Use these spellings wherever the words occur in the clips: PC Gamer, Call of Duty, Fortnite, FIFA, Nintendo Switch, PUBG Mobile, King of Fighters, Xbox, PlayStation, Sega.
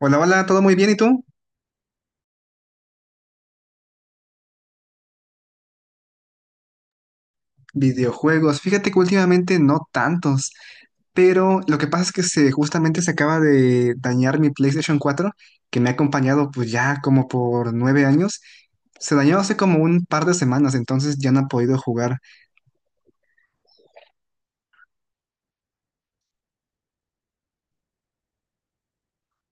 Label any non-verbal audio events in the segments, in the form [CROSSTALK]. Hola, hola, ¿todo muy bien? ¿Y tú? Videojuegos. Fíjate que últimamente no tantos, pero lo que pasa es que justamente se acaba de dañar mi PlayStation cuatro que me ha acompañado pues ya como por 9 años. Se dañó hace como un par de semanas, entonces ya no he podido jugar.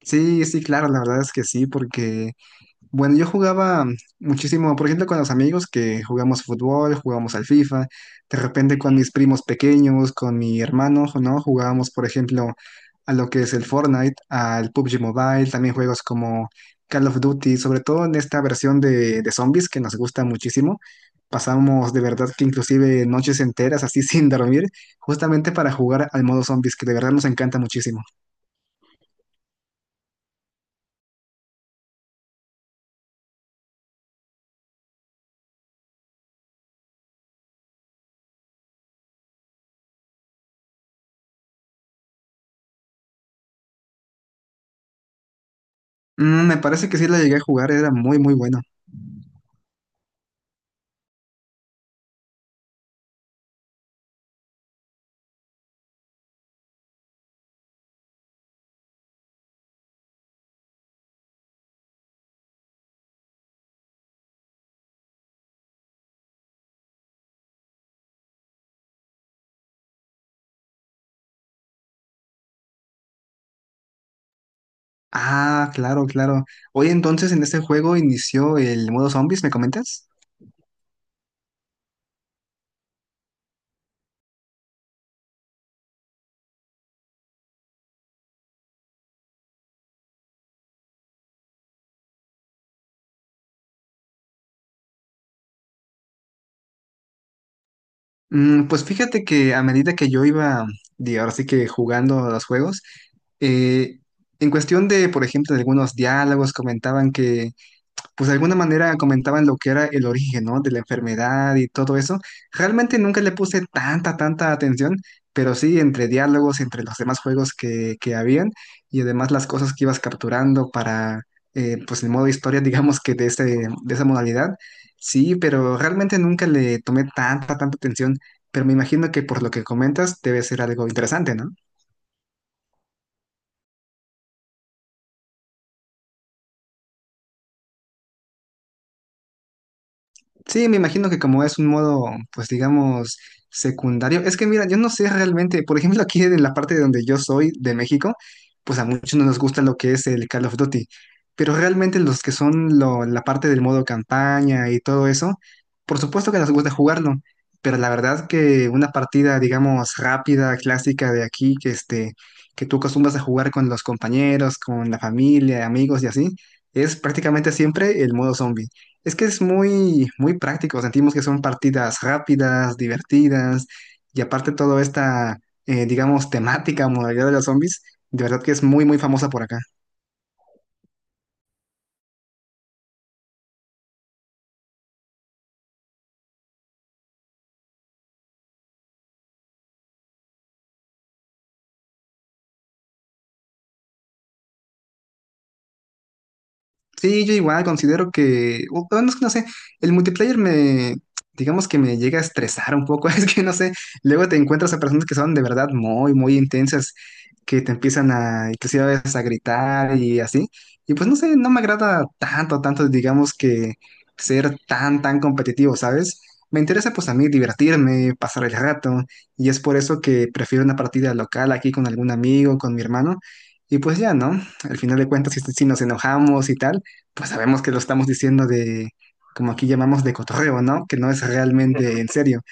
Sí, sí, claro, la verdad es que sí, porque bueno, yo jugaba muchísimo, por ejemplo, con los amigos que jugamos fútbol, jugamos al FIFA, de repente con mis primos pequeños, con mi hermano, ¿no? Jugábamos, por ejemplo, a lo que es el Fortnite, al PUBG Mobile, también juegos como Call of Duty, sobre todo en esta versión de zombies que nos gusta muchísimo. Pasamos de verdad que inclusive noches enteras así [LAUGHS] sin dormir, justamente para jugar al modo zombies, que de verdad nos encanta muchísimo. Mm, me parece que sí lo llegué a jugar, era muy, muy bueno. Ah, claro, claro. Hoy entonces en este juego inició el modo zombies, ¿me comentas? Mm, pues fíjate que a medida que yo iba, digo, ahora sí que jugando a los juegos, eh, en cuestión de, por ejemplo, de algunos diálogos comentaban que pues de alguna manera comentaban lo que era el origen, ¿no? De la enfermedad y todo eso. Realmente nunca le puse tanta, tanta atención, pero sí entre diálogos, entre los demás juegos que habían y además las cosas que ibas capturando para, pues el modo historia, [LAUGHS] digamos que de ese, de esa modalidad. Sí, pero realmente nunca le tomé tanta, tanta atención, pero me imagino que por lo que comentas debe ser algo interesante, ¿no? Sí, me imagino que como es un modo, pues digamos, secundario. Es que mira, yo no sé realmente, por ejemplo, aquí en la parte de donde yo soy, de México, pues a muchos no nos gusta lo que es el Call of Duty, pero realmente los que son la parte del modo campaña y todo eso, por supuesto que nos gusta jugarlo, pero la verdad que una partida, digamos, rápida, clásica de aquí, que este, que tú acostumbras a jugar con los compañeros, con la familia, amigos y así, es prácticamente siempre el modo zombie. Es que es muy, muy práctico. Sentimos que son partidas rápidas, divertidas, y aparte toda esta, digamos, temática, modalidad de los zombies, de verdad que es muy, muy famosa por acá. Sí, yo igual considero que, bueno, es que no sé, el multiplayer me, digamos que me llega a estresar un poco, [LAUGHS] es que no sé, luego te encuentras a personas que son de verdad muy, muy intensas, que te empiezan a, inclusive a veces a gritar y así, y pues no sé, no me agrada tanto, tanto, digamos que ser tan, tan competitivo, ¿sabes? Me interesa pues a mí divertirme, pasar el rato, y es por eso que prefiero una partida local aquí con algún amigo, con mi hermano. Y pues ya, ¿no? Al final de cuentas, si nos enojamos y tal, pues sabemos que lo estamos diciendo de, como aquí llamamos, de cotorreo, ¿no? Que no es realmente en serio.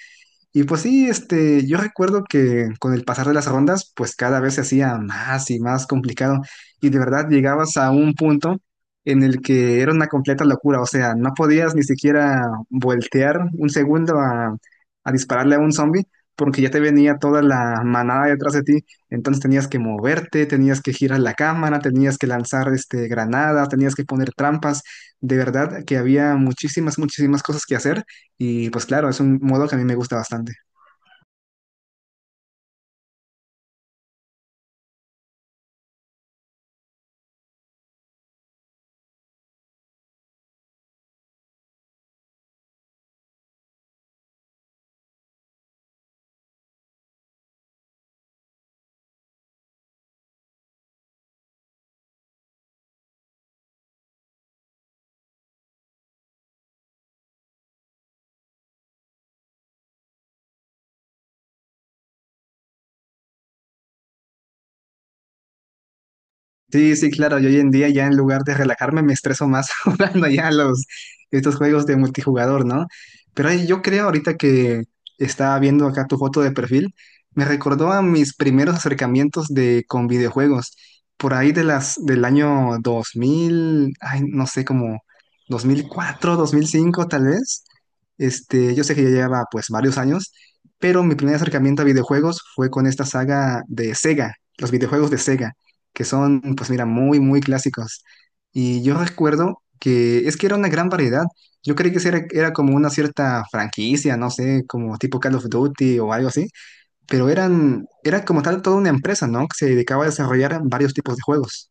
Y pues sí, este, yo recuerdo que con el pasar de las rondas, pues cada vez se hacía más y más complicado. Y de verdad llegabas a un punto en el que era una completa locura. O sea, no podías ni siquiera voltear un segundo a dispararle a un zombie, porque ya te venía toda la manada detrás de ti. Entonces tenías que moverte, tenías que girar la cámara, tenías que lanzar este, granadas, tenías que poner trampas. De verdad que había muchísimas, muchísimas cosas que hacer. Y pues claro, es un modo que a mí me gusta bastante. Sí, sí, claro. Yo hoy en día ya en lugar de relajarme me estreso más [LAUGHS] jugando ya los estos juegos de multijugador, ¿no? Pero ahí yo creo ahorita que estaba viendo acá tu foto de perfil, me recordó a mis primeros acercamientos de con videojuegos por ahí de las del año 2000, ay, no sé, como 2004, 2005 tal vez. Este, yo sé que ya lleva pues varios años, pero mi primer acercamiento a videojuegos fue con esta saga de Sega, los videojuegos de Sega que son, pues mira, muy, muy clásicos. Y yo recuerdo que es que era una gran variedad. Yo creí que sí era, era como una cierta franquicia, no sé, como tipo Call of Duty o algo así, pero eran, era como tal toda una empresa, ¿no? Que se dedicaba a desarrollar varios tipos de juegos.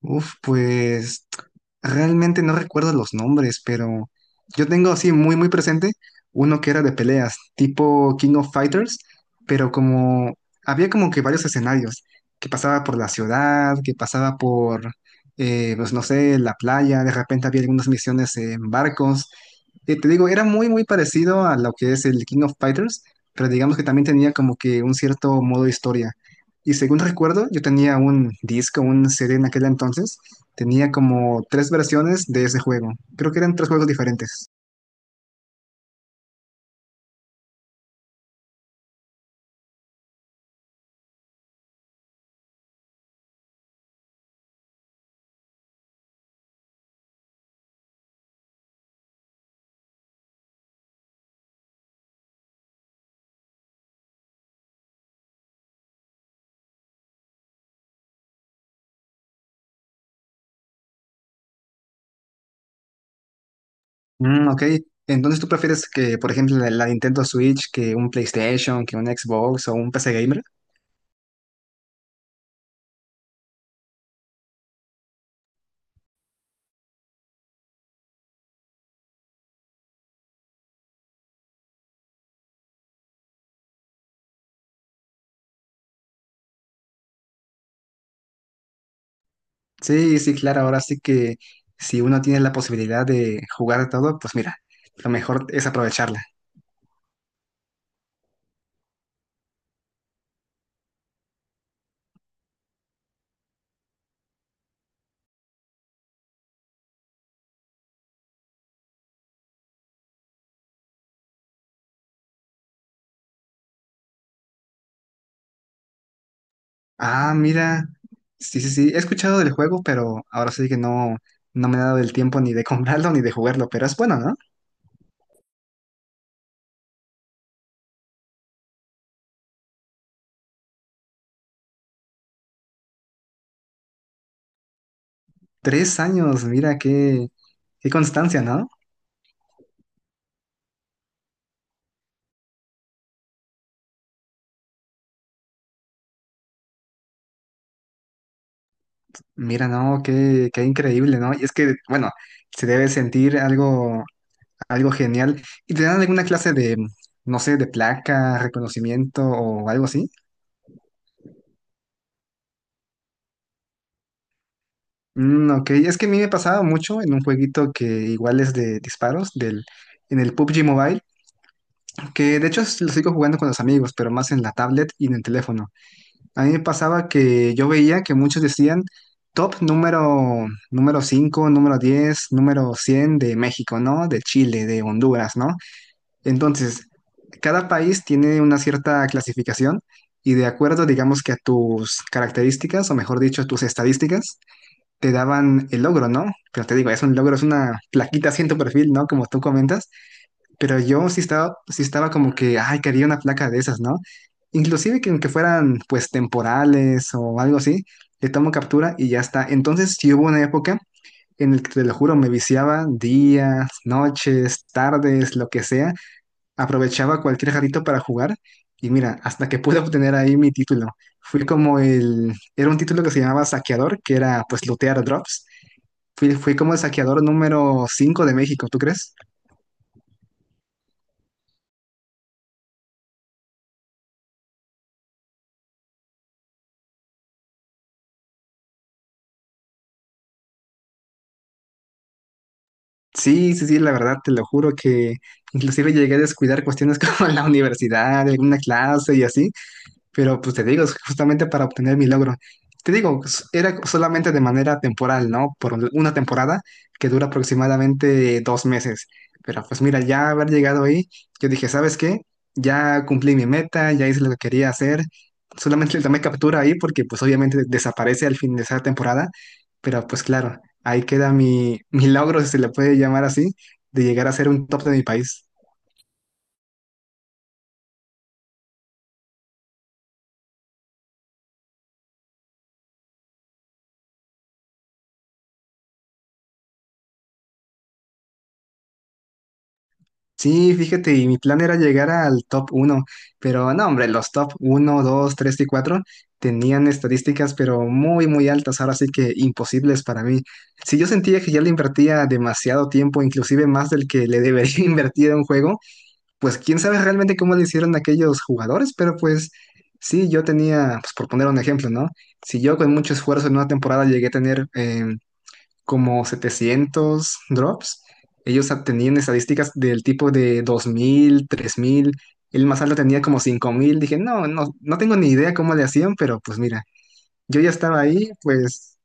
Uf, pues realmente no recuerdo los nombres, pero yo tengo así muy, muy presente uno que era de peleas, tipo King of Fighters, pero como había como que varios escenarios, que pasaba por la ciudad, que pasaba por, pues no sé, la playa, de repente había algunas misiones en barcos. Te digo, era muy, muy parecido a lo que es el King of Fighters, pero digamos que también tenía como que un cierto modo historia. Y según recuerdo, yo tenía un disco, un CD en aquel entonces. Tenía como 3 versiones de ese juego. Creo que eran 3 juegos diferentes. Mm, ok. Entonces, ¿tú prefieres que, por ejemplo, la Nintendo Switch, que un PlayStation, que un Xbox o un PC Gamer? Sí, sí, claro. Ahora sí que si uno tiene la posibilidad de jugar todo, pues mira, lo mejor es aprovecharla. Ah, mira. Sí, sí, sí. He escuchado del juego, pero ahora sí que no, no me he dado el tiempo ni de [LAUGHS] comprarlo ni de jugarlo. Pero es bueno, ¿no? Tres años, mira qué, qué constancia, ¿no? Mira, no, qué, qué increíble, ¿no? Y es que, bueno, se debe sentir algo, algo genial. ¿Y te dan alguna clase de, no sé, de placa, reconocimiento o algo así? Mm, ok, es que a mí me pasaba mucho en un jueguito que igual es de disparos, del, en el PUBG Mobile, que de hecho lo sigo jugando con los amigos, pero más en la tablet y en el teléfono. A mí me pasaba que yo veía que muchos decían top número, número 5, número 10, número 100 de México, ¿no? De Chile, de Honduras, ¿no? Entonces, cada país tiene una cierta clasificación y de acuerdo, digamos que a tus características, o mejor dicho, a tus estadísticas, te daban el logro, ¿no? Pero te digo, es un logro, es una plaquita así en tu perfil, ¿no? Como tú comentas, pero yo sí estaba como que, ay, quería una placa de esas, ¿no? Inclusive que aunque fueran pues temporales o algo así, le tomo captura y ya está. Entonces sí hubo una época en el que te lo juro, me viciaba días, noches, tardes, lo que sea. Aprovechaba cualquier jarrito para jugar y mira, hasta que pude obtener ahí mi título. Fui como el, era un título que se llamaba Saqueador, que era pues lootear drops. Fui como el saqueador número 5 de México, ¿tú crees? Sí, sí, sí, la verdad, te lo juro que inclusive llegué a descuidar cuestiones [LAUGHS] como la universidad, alguna clase y así, pero pues te digo, es justamente para obtener mi logro. Te digo, era solamente de manera temporal, ¿no? Por una temporada que dura aproximadamente 2 meses. Pero pues mira, ya haber llegado ahí, yo dije, ¿sabes qué? Ya cumplí mi meta, ya hice lo que quería hacer. Solamente le tomé captura ahí porque pues obviamente desaparece al fin de esa temporada. Pero pues claro, ahí queda mi, mi logro, si se le puede llamar así, de llegar a ser un top de mi país. Sí, fíjate, y mi plan era llegar al top uno, pero no, hombre, los top uno, 2, 3 y 4 tenían estadísticas, pero muy, muy altas, ahora sí que imposibles para mí. Si yo sentía que ya le invertía demasiado tiempo, inclusive más del que le debería [LAUGHS] invertir a un juego, pues quién sabe realmente cómo le hicieron aquellos jugadores, pero pues sí, yo tenía, pues por poner un ejemplo, ¿no? Si yo con mucho esfuerzo en una temporada llegué a tener como 700 drops. Ellos tenían estadísticas del tipo de 2000, 3000. El más alto tenía como 5000. Dije, no, no, no tengo ni idea cómo le hacían, pero pues mira, yo ya estaba ahí, pues.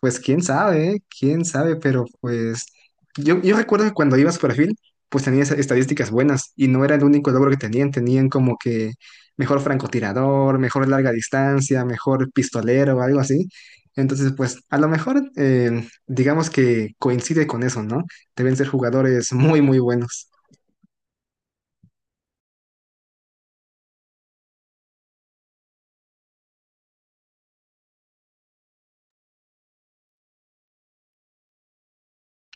Pues quién sabe, ¿eh? Quién sabe, pero pues yo recuerdo que cuando ibas por perfil, pues tenías estadísticas buenas y no era el único logro que tenían, tenían como que mejor francotirador, mejor larga distancia, mejor pistolero, o algo así. Entonces, pues a lo mejor digamos que coincide con eso, ¿no? Deben ser jugadores muy, muy buenos.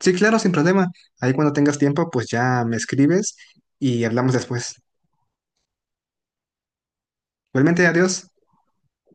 Sí, claro, sin problema. Ahí cuando tengas tiempo, pues ya me escribes y hablamos después. Igualmente, adiós.